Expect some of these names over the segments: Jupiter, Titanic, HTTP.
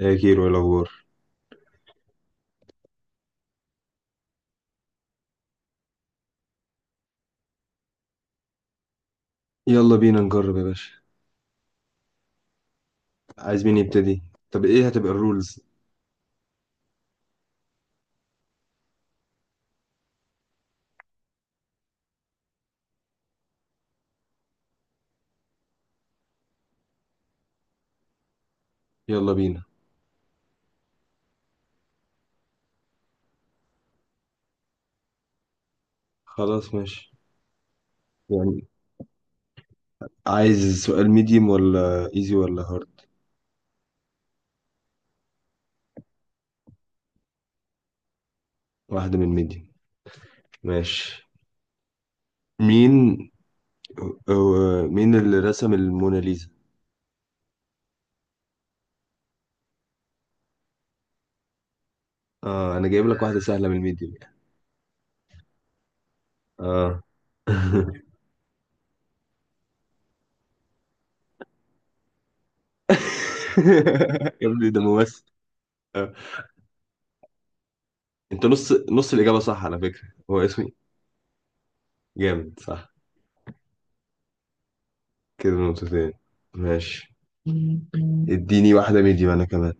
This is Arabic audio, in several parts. يا كيرو، ايه الاخبار؟ يلا بينا نجرب يا باشا. عايز مين يبتدي؟ طب ايه هتبقى الرولز؟ يلا بينا. خلاص ماشي. يعني عايز سؤال ميديوم ولا ايزي ولا هارد؟ واحدة من ميديوم. ماشي. مين مين اللي رسم الموناليزا؟ اه، انا جايب لك واحدة سهلة من الميديوم يعني. اه. يا ابني، ده ممثل. آه. انت نص نص الإجابة صح على فكرة. هو اسمي، جامد صح. كده نقطتين. ماشي، اديني واحدة ميديوم انا كمان.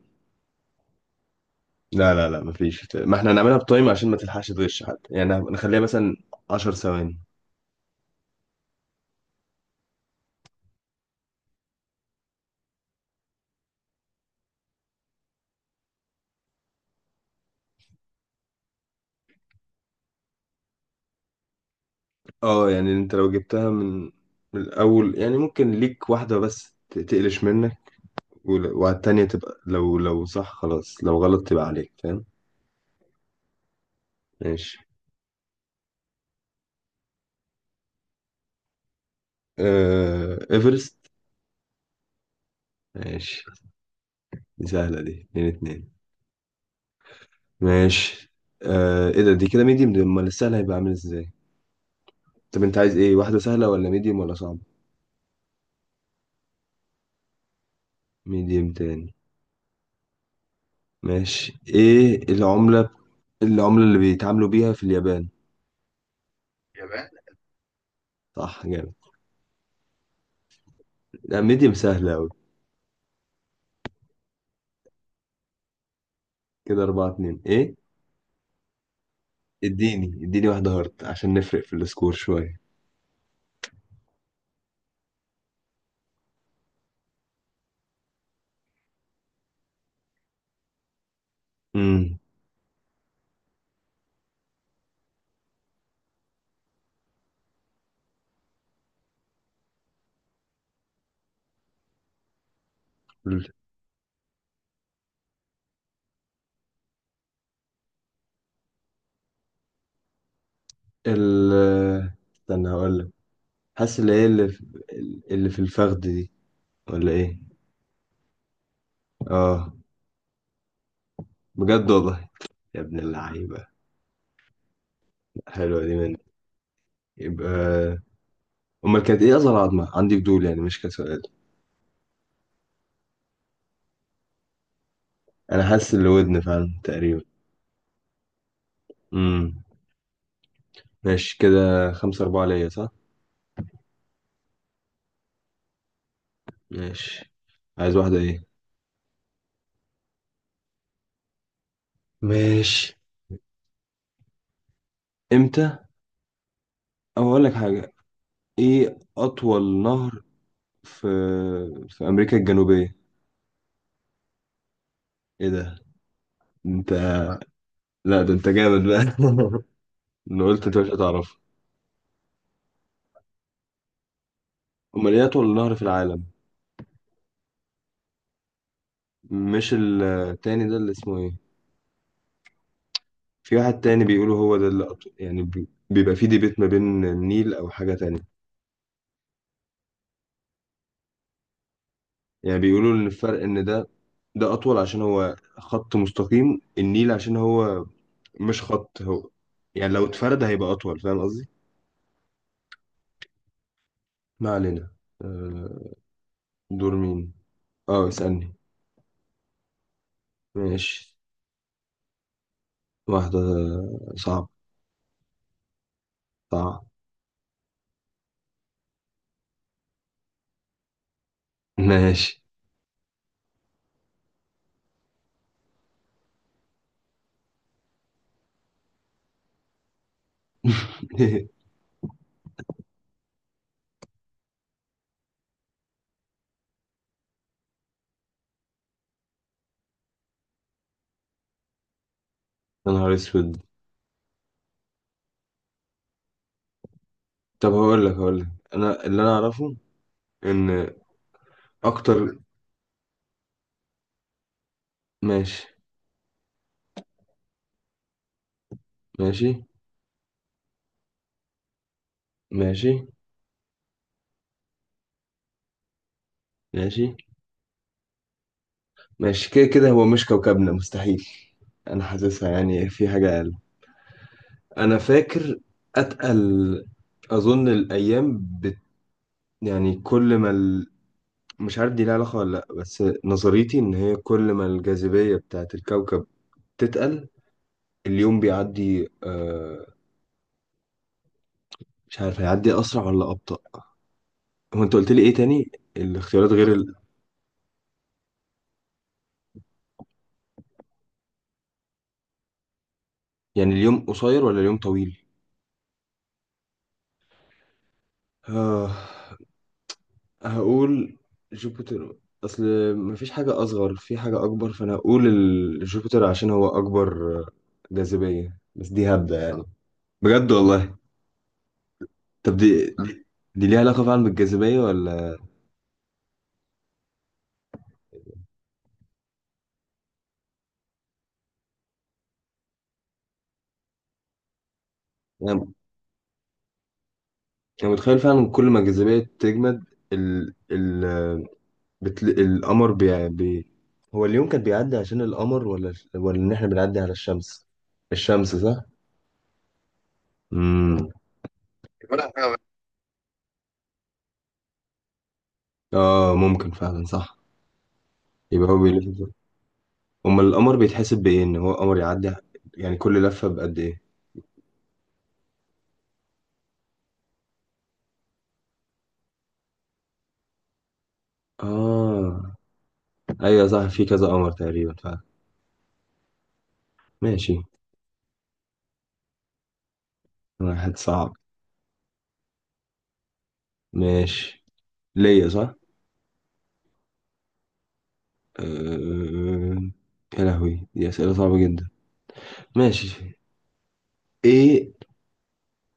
لا لا لا، مفيش، ما احنا هنعملها بتايم عشان ما تلحقش تغش حد، يعني نخليها مثلا 10 ثواني. اه، يعني انت لو جبتها من الاول يعني ممكن ليك واحدة بس تقلش منك، وعلى التانية تبقى لو لو صح خلاص، لو غلط تبقى عليك، فاهم؟ ماشي. ايفرست. ماشي، دي سهلة، دي اتنين اتنين. ماشي. ايه ده؟ دي كده ميديوم؟ دي امال السهل هيبقى عامل ازاي؟ طب انت عايز ايه، واحدة سهلة ولا ميديوم ولا صعب؟ ميديوم تاني. ماشي، ايه العملة؟ العملة اللي بيتعاملوا بيها في اليابان؟ اليابان. صح، جامد. لا ميديوم سهلة أوي. كده أربعة اتنين إيه؟ اديني اديني واحدة هارد عشان نفرق في السكور شوية. امم ال ال- استنى هقولك. حاسس اللي هي اللي في اللي في الفخد دي، ولا إيه؟ آه. بجد والله، يا ابن اللعيبة. حلوة دي منك. يبقى أمال كانت إيه أصغر عظمة؟ عندي فضول يعني، مش كسر. انا حاسس اللي ودن فعلا تقريبا. امم ماشي، كده خمسة أربعة ليا صح؟ ماشي. عايز واحدة ايه؟ ماشي. امتى؟ او اقول لك حاجة. ايه اطول نهر في في امريكا الجنوبية؟ ايه ده؟ انت! لا ده انت جامد بقى. انا قلت انت مش هتعرفه. امال ايه اطول نهر في العالم؟ مش التاني ده اللي اسمه ايه؟ في واحد تاني بيقولوا هو ده اللي أطول. يعني بيبقى في ديبيت ما بين النيل او حاجة تانية. يعني بيقولوا ان الفرق ان ده ده اطول عشان هو خط مستقيم، النيل عشان هو مش خط هو. يعني لو اتفرد هيبقى اطول، فاهم قصدي؟ ما علينا. آه، دور مين؟ اه، اسألني. ماشي. واحدة صعب. صعب. ماشي. يا نهار اسود. طب هقول لك انا اللي انا اعرفه ان اكتر. ماشي. ماشي. ماشي. ماشي. ماشي كده كده، هو مش كوكبنا مستحيل. انا حاسسها يعني في حاجة. انا فاكر اتقل. اظن يعني كل ما ال... مش عارف دي لها علاقه ولا لا، بس نظريتي ان هي كل ما الجاذبيه بتاعت الكوكب تتقل، اليوم بيعدي مش عارف هيعدي اسرع ولا ابطا. هو انت قلت لي ايه تاني؟ الاختيارات غير ال... يعني اليوم قصير ولا اليوم طويل؟ آه... هقول جوبيتر. اصل مفيش حاجه اصغر في حاجه اكبر، فانا هقول جوبيتر عشان هو اكبر، جاذبيه، بس دي هبدأ. بجد والله. طب دي دي ليها علاقة فعلا بالجاذبية ولا؟ يعني أنا متخيل فعلا كل ما الجاذبية تجمد ال ال القمر هو اليوم كان بيعدي عشان القمر ولا إن إحنا بنعدي على الشمس؟ الشمس صح؟ امم ولا حاجة. آه، ممكن فعلا صح. يبقى هو بيلف كده. أمال القمر بيتحسب بإيه إن هو قمر يعدي؟ يعني كل لفة بقد إيه؟ آه، أيوة صح، في كذا قمر تقريبا فعلا. ماشي. واحد صعب. ماشي. ليا صح؟ أه... يا لهوي، دي أسئلة صعبة جدا. ماشي. ايه؟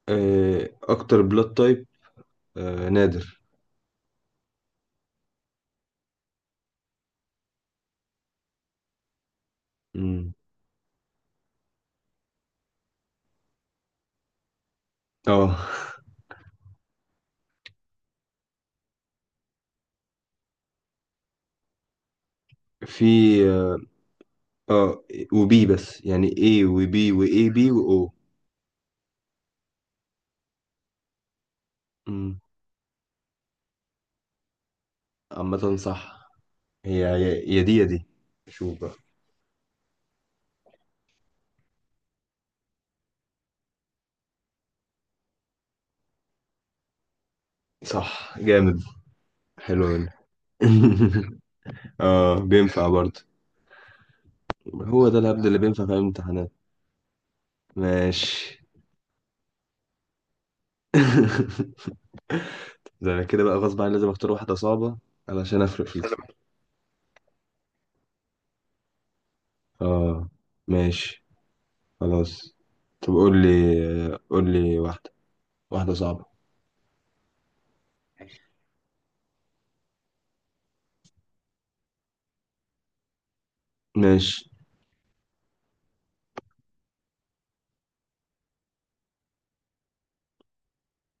أكتر بلاد تايب نادر. مم. اه. في. اه. آه، وبي، بس يعني ايه وبي؟ واي بي، واو. مم. عامة صح. هي يا يا دي يا دي. شوف بقى. صح، جامد. حلو منك. اه، بينفع برضه. هو ده الهبد اللي بينفع في أي امتحانات. ماشي. ده انا كده بقى غصب عني لازم اختار واحدة صعبة علشان افرق فيك. اه، ماشي، خلاص. طب قول لي قول لي واحدة، واحدة صعبة. ماشي.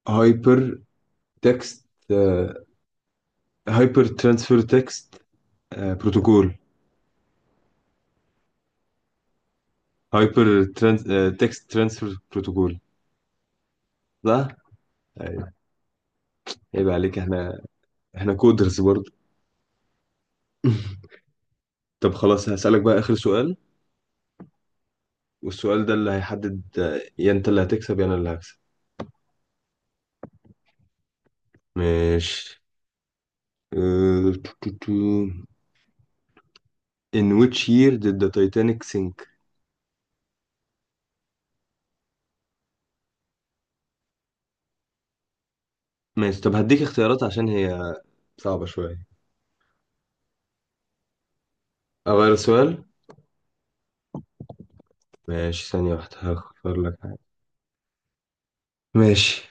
هايبر تكست هايبر ترانسفير تكست، بروتوكول. هايبر تكست ترانسفير بروتوكول. صح؟ أيوة. عيب عليك، احنا احنا كودرز برضه. طب خلاص هسألك بقى آخر سؤال. والسؤال ده اللي هيحدد، يا انت اللي هتكسب يا انا اللي هكسب. ماشي. أه، تو- تو- تو. In which year did the Titanic sink? ماشي طب هديك اختيارات عشان هي صعبة شوية. أغير السؤال؟ ماشي، ثانية واحدة هختار لك حاجة. ماشي.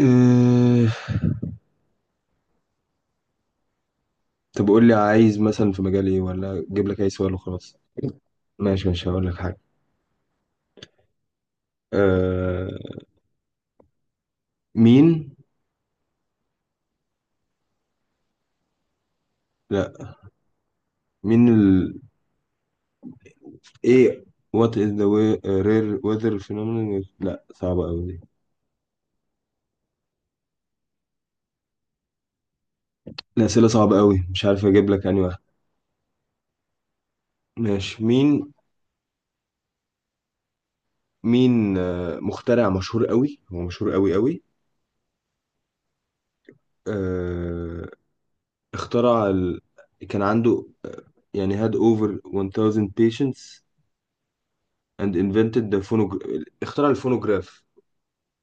اه... طب قول لي عايز مثلا في مجال ايه، ولا اجيب لك اي سؤال وخلاص؟ ماشي ماشي، هقول لك حاجة. اه... مين؟ لا، مين ال، ايه؟ What is the way, rare weather phenomenon لا صعبة أوي دي. الأسئلة صعبة أوي، مش عارف أجيب لك أنهي واحدة. ماشي. مين؟ مين مخترع مشهور قوي؟ هو مشهور قوي قوي. آه، اخترع كان عنده يعني had over 1000 patients and invented the اخترع الفونوجراف.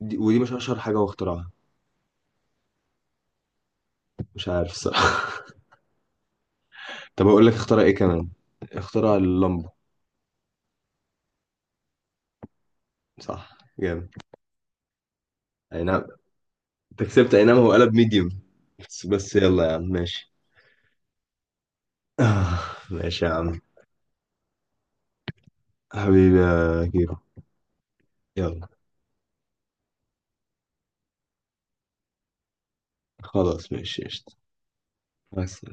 ودي مش اشهر حاجة هو اخترعها. مش عارف الصراحة. طب اقول لك اخترع ايه كمان؟ اخترع اللمبة. صح، جامد. اي نعم، أنت كسبت. اي نعم، هو قلب ميديوم بس بس. يلا يا عم، ماشي. آه، ماشي يا عم. حبيبي يا كيرو. يلا. خلاص ماشي، قشطة. بس.